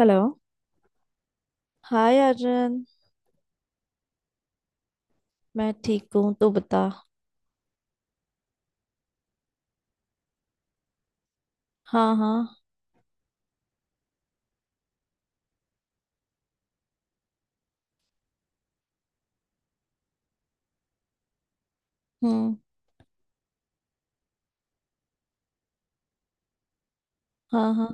Hello. Hi Arjun. मैं ठीक हूँ, तो बता। हाँ हाँ। हम्म। हाँ हाँ।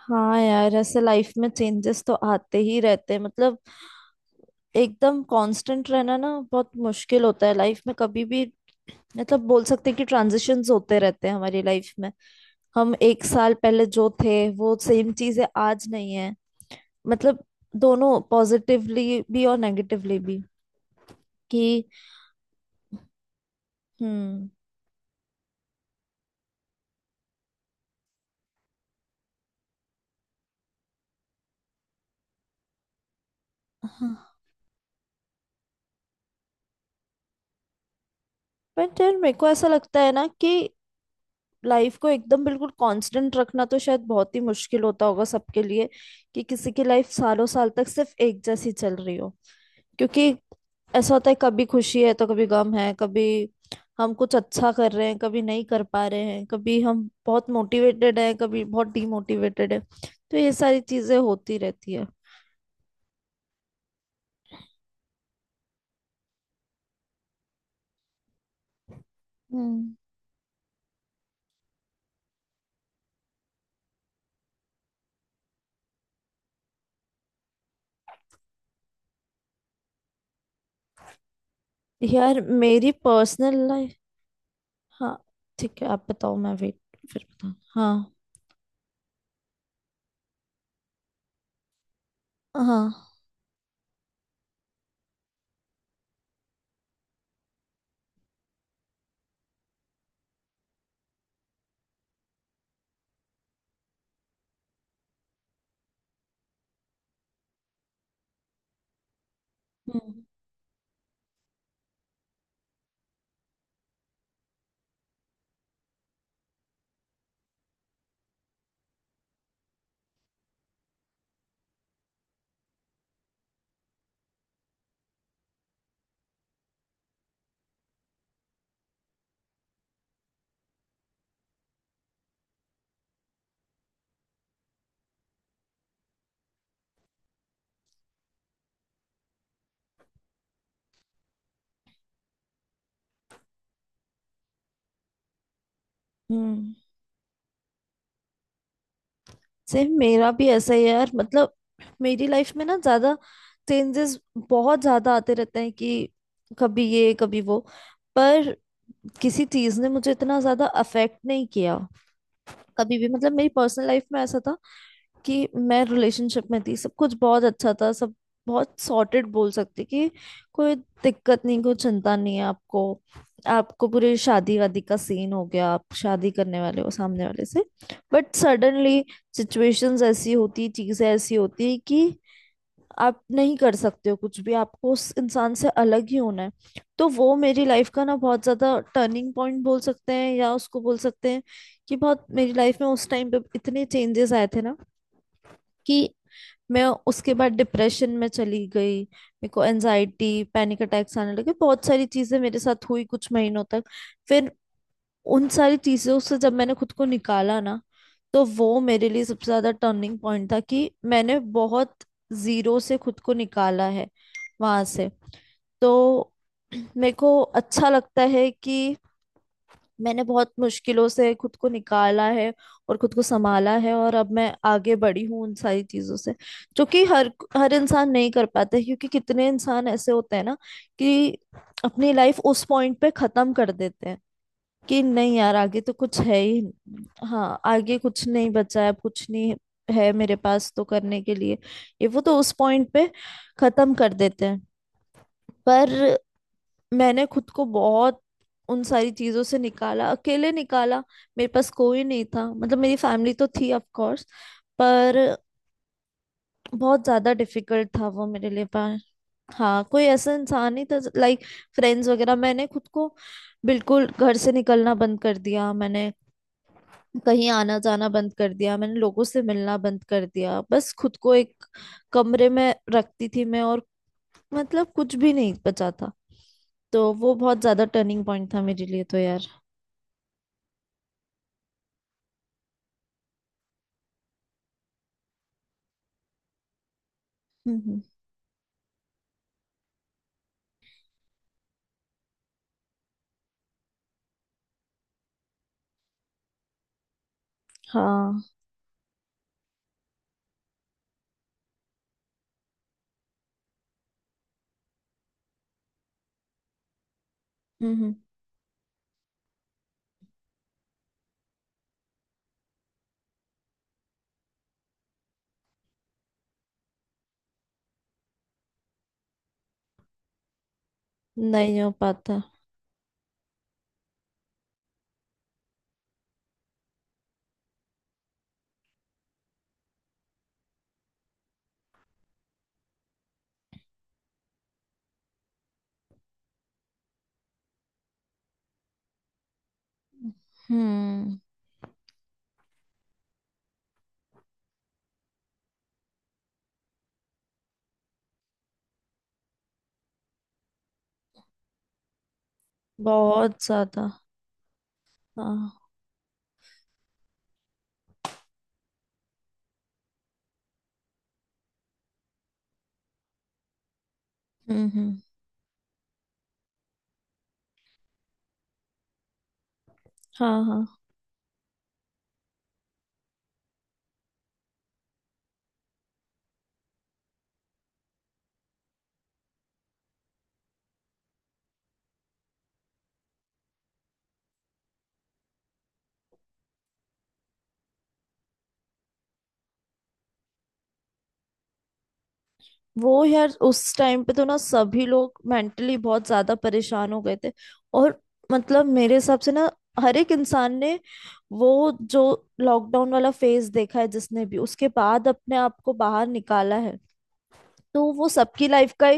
हाँ यार, ऐसे लाइफ में चेंजेस तो आते ही रहते हैं। मतलब एकदम कांस्टेंट रहना ना बहुत मुश्किल होता है लाइफ में कभी भी। मतलब बोल सकते हैं कि ट्रांजिशंस होते रहते हैं हमारी लाइफ में। हम एक साल पहले जो थे वो सेम चीजें आज नहीं है। मतलब दोनों पॉजिटिवली भी और नेगेटिवली भी। कि हम्म हाँ, बट यार मेरे को ऐसा लगता है ना कि लाइफ को एकदम बिल्कुल कांस्टेंट रखना तो शायद बहुत ही मुश्किल होता होगा सबके लिए। कि किसी की लाइफ सालों साल तक सिर्फ एक जैसी चल रही हो, क्योंकि ऐसा होता है कभी खुशी है तो कभी गम है, कभी हम कुछ अच्छा कर रहे हैं कभी नहीं कर पा रहे हैं, कभी हम बहुत मोटिवेटेड हैं कभी बहुत डीमोटिवेटेड है। तो ये सारी चीजें होती रहती है। हम्म। यार मेरी पर्सनल लाइफ। हाँ ठीक है, आप बताओ, मैं वेट फिर बताऊँ। हाँ। हाँ। हम्म हम्म। सेम मेरा भी ऐसा ही है यार। मतलब मेरी लाइफ में ना ज्यादा चेंजेस बहुत ज्यादा आते रहते हैं। कि कभी ये कभी वो, पर किसी चीज ने मुझे इतना ज्यादा अफेक्ट नहीं किया कभी भी। मतलब मेरी पर्सनल लाइफ में ऐसा था कि मैं रिलेशनशिप में थी, सब कुछ बहुत अच्छा था, सब बहुत सॉर्टेड बोल सकते कि कोई दिक्कत नहीं कोई चिंता नहीं है आपको। आपको पूरी शादी वादी का सीन हो गया, आप शादी करने वाले हो सामने वाले से। बट सडनली सिचुएशंस ऐसी होती, चीजें ऐसी होती कि आप नहीं कर सकते हो कुछ भी, आपको उस इंसान से अलग ही होना है। तो वो मेरी लाइफ का ना बहुत ज्यादा टर्निंग पॉइंट बोल सकते हैं, या उसको बोल सकते हैं कि बहुत मेरी लाइफ में उस टाइम पे इतने चेंजेस आए थे ना, कि मैं उसके बाद डिप्रेशन में चली गई, मेरे को एनजाइटी पैनिक अटैक्स आने लगे, बहुत सारी चीजें मेरे साथ हुई कुछ महीनों तक। फिर उन सारी चीजों से जब मैंने खुद को निकाला ना, तो वो मेरे लिए सबसे ज्यादा टर्निंग पॉइंट था कि मैंने बहुत जीरो से खुद को निकाला है वहां से। तो मेरे को अच्छा लगता है कि मैंने बहुत मुश्किलों से खुद को निकाला है और खुद को संभाला है, और अब मैं आगे बढ़ी हूँ उन सारी चीजों से। जो कि हर हर इंसान नहीं कर पाता है, क्योंकि कितने इंसान ऐसे होते हैं ना कि अपनी लाइफ उस पॉइंट पे खत्म कर देते हैं कि नहीं यार आगे तो कुछ है ही नहीं। हाँ आगे कुछ नहीं बचा है, अब कुछ नहीं है मेरे पास तो करने के लिए, ये वो, तो उस पॉइंट पे खत्म कर देते हैं। पर मैंने खुद को बहुत उन सारी चीजों से निकाला, अकेले निकाला। मेरे पास कोई नहीं था, मतलब मेरी फैमिली तो थी ऑफ कोर्स, पर बहुत ज्यादा डिफिकल्ट था वो मेरे लिए। पर हाँ कोई ऐसा इंसान नहीं था लाइक फ्रेंड्स वगैरह। मैंने खुद को बिल्कुल घर से निकलना बंद कर दिया मैंने, कहीं आना जाना बंद कर दिया मैंने, लोगों से मिलना बंद कर दिया, बस खुद को एक कमरे में रखती थी मैं। और मतलब कुछ भी नहीं बचा था। तो वो बहुत ज्यादा टर्निंग पॉइंट था मेरे लिए, तो यार। हम्म। हाँ। हम्म। नहीं हो पाता। हम्म। बहुत ज्यादा। हाँ। हम्म। हाँ हाँ, वो यार उस टाइम पे तो ना सभी लोग मेंटली बहुत ज्यादा परेशान हो गए थे। और मतलब मेरे हिसाब से ना हर एक इंसान ने वो जो लॉकडाउन वाला फेज देखा है, जिसने भी उसके बाद अपने आप को बाहर निकाला है, तो वो सबकी लाइफ का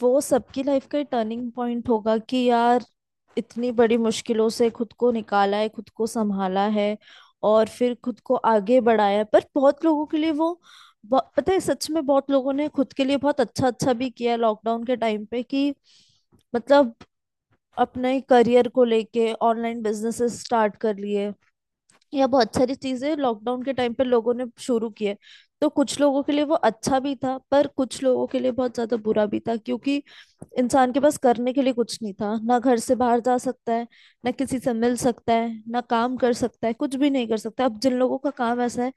वो सबकी लाइफ का टर्निंग पॉइंट होगा कि यार इतनी बड़ी मुश्किलों से खुद को निकाला है, खुद को संभाला है और फिर खुद को आगे बढ़ाया है। पर बहुत लोगों के लिए वो पता है सच में बहुत लोगों ने खुद के लिए बहुत अच्छा अच्छा भी किया लॉकडाउन के टाइम पे। कि मतलब अपने करियर को लेके ऑनलाइन बिजनेसेस स्टार्ट कर लिए, या बहुत सारी चीजें लॉकडाउन के टाइम पे लोगों ने शुरू किए। तो कुछ लोगों के लिए वो अच्छा भी था, पर कुछ लोगों के लिए बहुत ज्यादा बुरा भी था, क्योंकि इंसान के पास करने के लिए कुछ नहीं था, ना घर से बाहर जा सकता है, ना किसी से मिल सकता है, ना काम कर सकता है, कुछ भी नहीं कर सकता। अब जिन लोगों का काम ऐसा है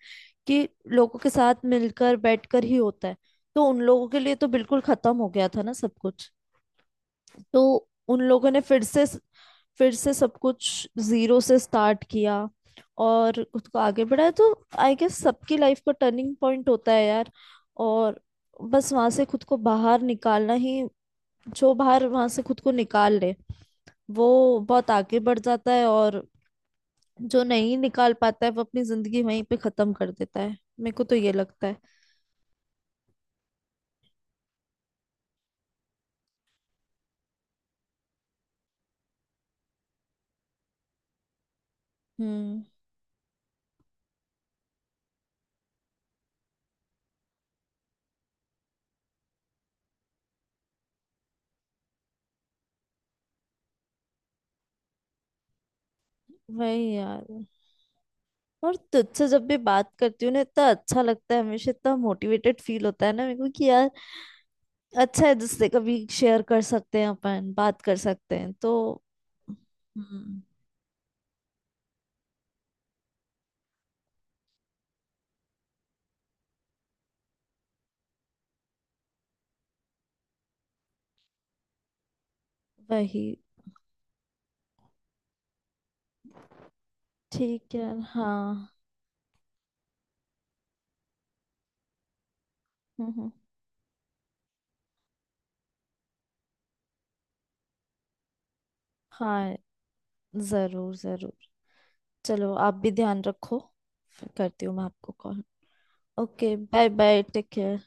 कि लोगों के साथ मिलकर बैठकर ही होता है, तो उन लोगों के लिए तो बिल्कुल खत्म हो गया था ना सब कुछ। तो उन लोगों ने फिर से सब कुछ जीरो से स्टार्ट किया और खुद को आगे बढ़ाया। तो आई गेस सबकी लाइफ का टर्निंग पॉइंट होता है यार। और बस वहां से खुद को बाहर निकालना ही, जो बाहर वहां से खुद को निकाल ले वो बहुत आगे बढ़ जाता है, और जो नहीं निकाल पाता है वो अपनी जिंदगी वहीं पे खत्म कर देता है। मेरे को तो ये लगता है। हम्म। वही यार। और तुझसे जब भी बात करती हूँ ना इतना अच्छा लगता है, हमेशा इतना मोटिवेटेड फील होता है ना मेरे को कि यार अच्छा है जिससे कभी शेयर कर सकते हैं अपन, बात कर सकते हैं, तो। हम्म। वही। ठीक है। हाँ। हम्म। हाँ जरूर जरूर। चलो आप भी ध्यान रखो। फिर करती हूँ मैं आपको call. Okay bye bye, take care.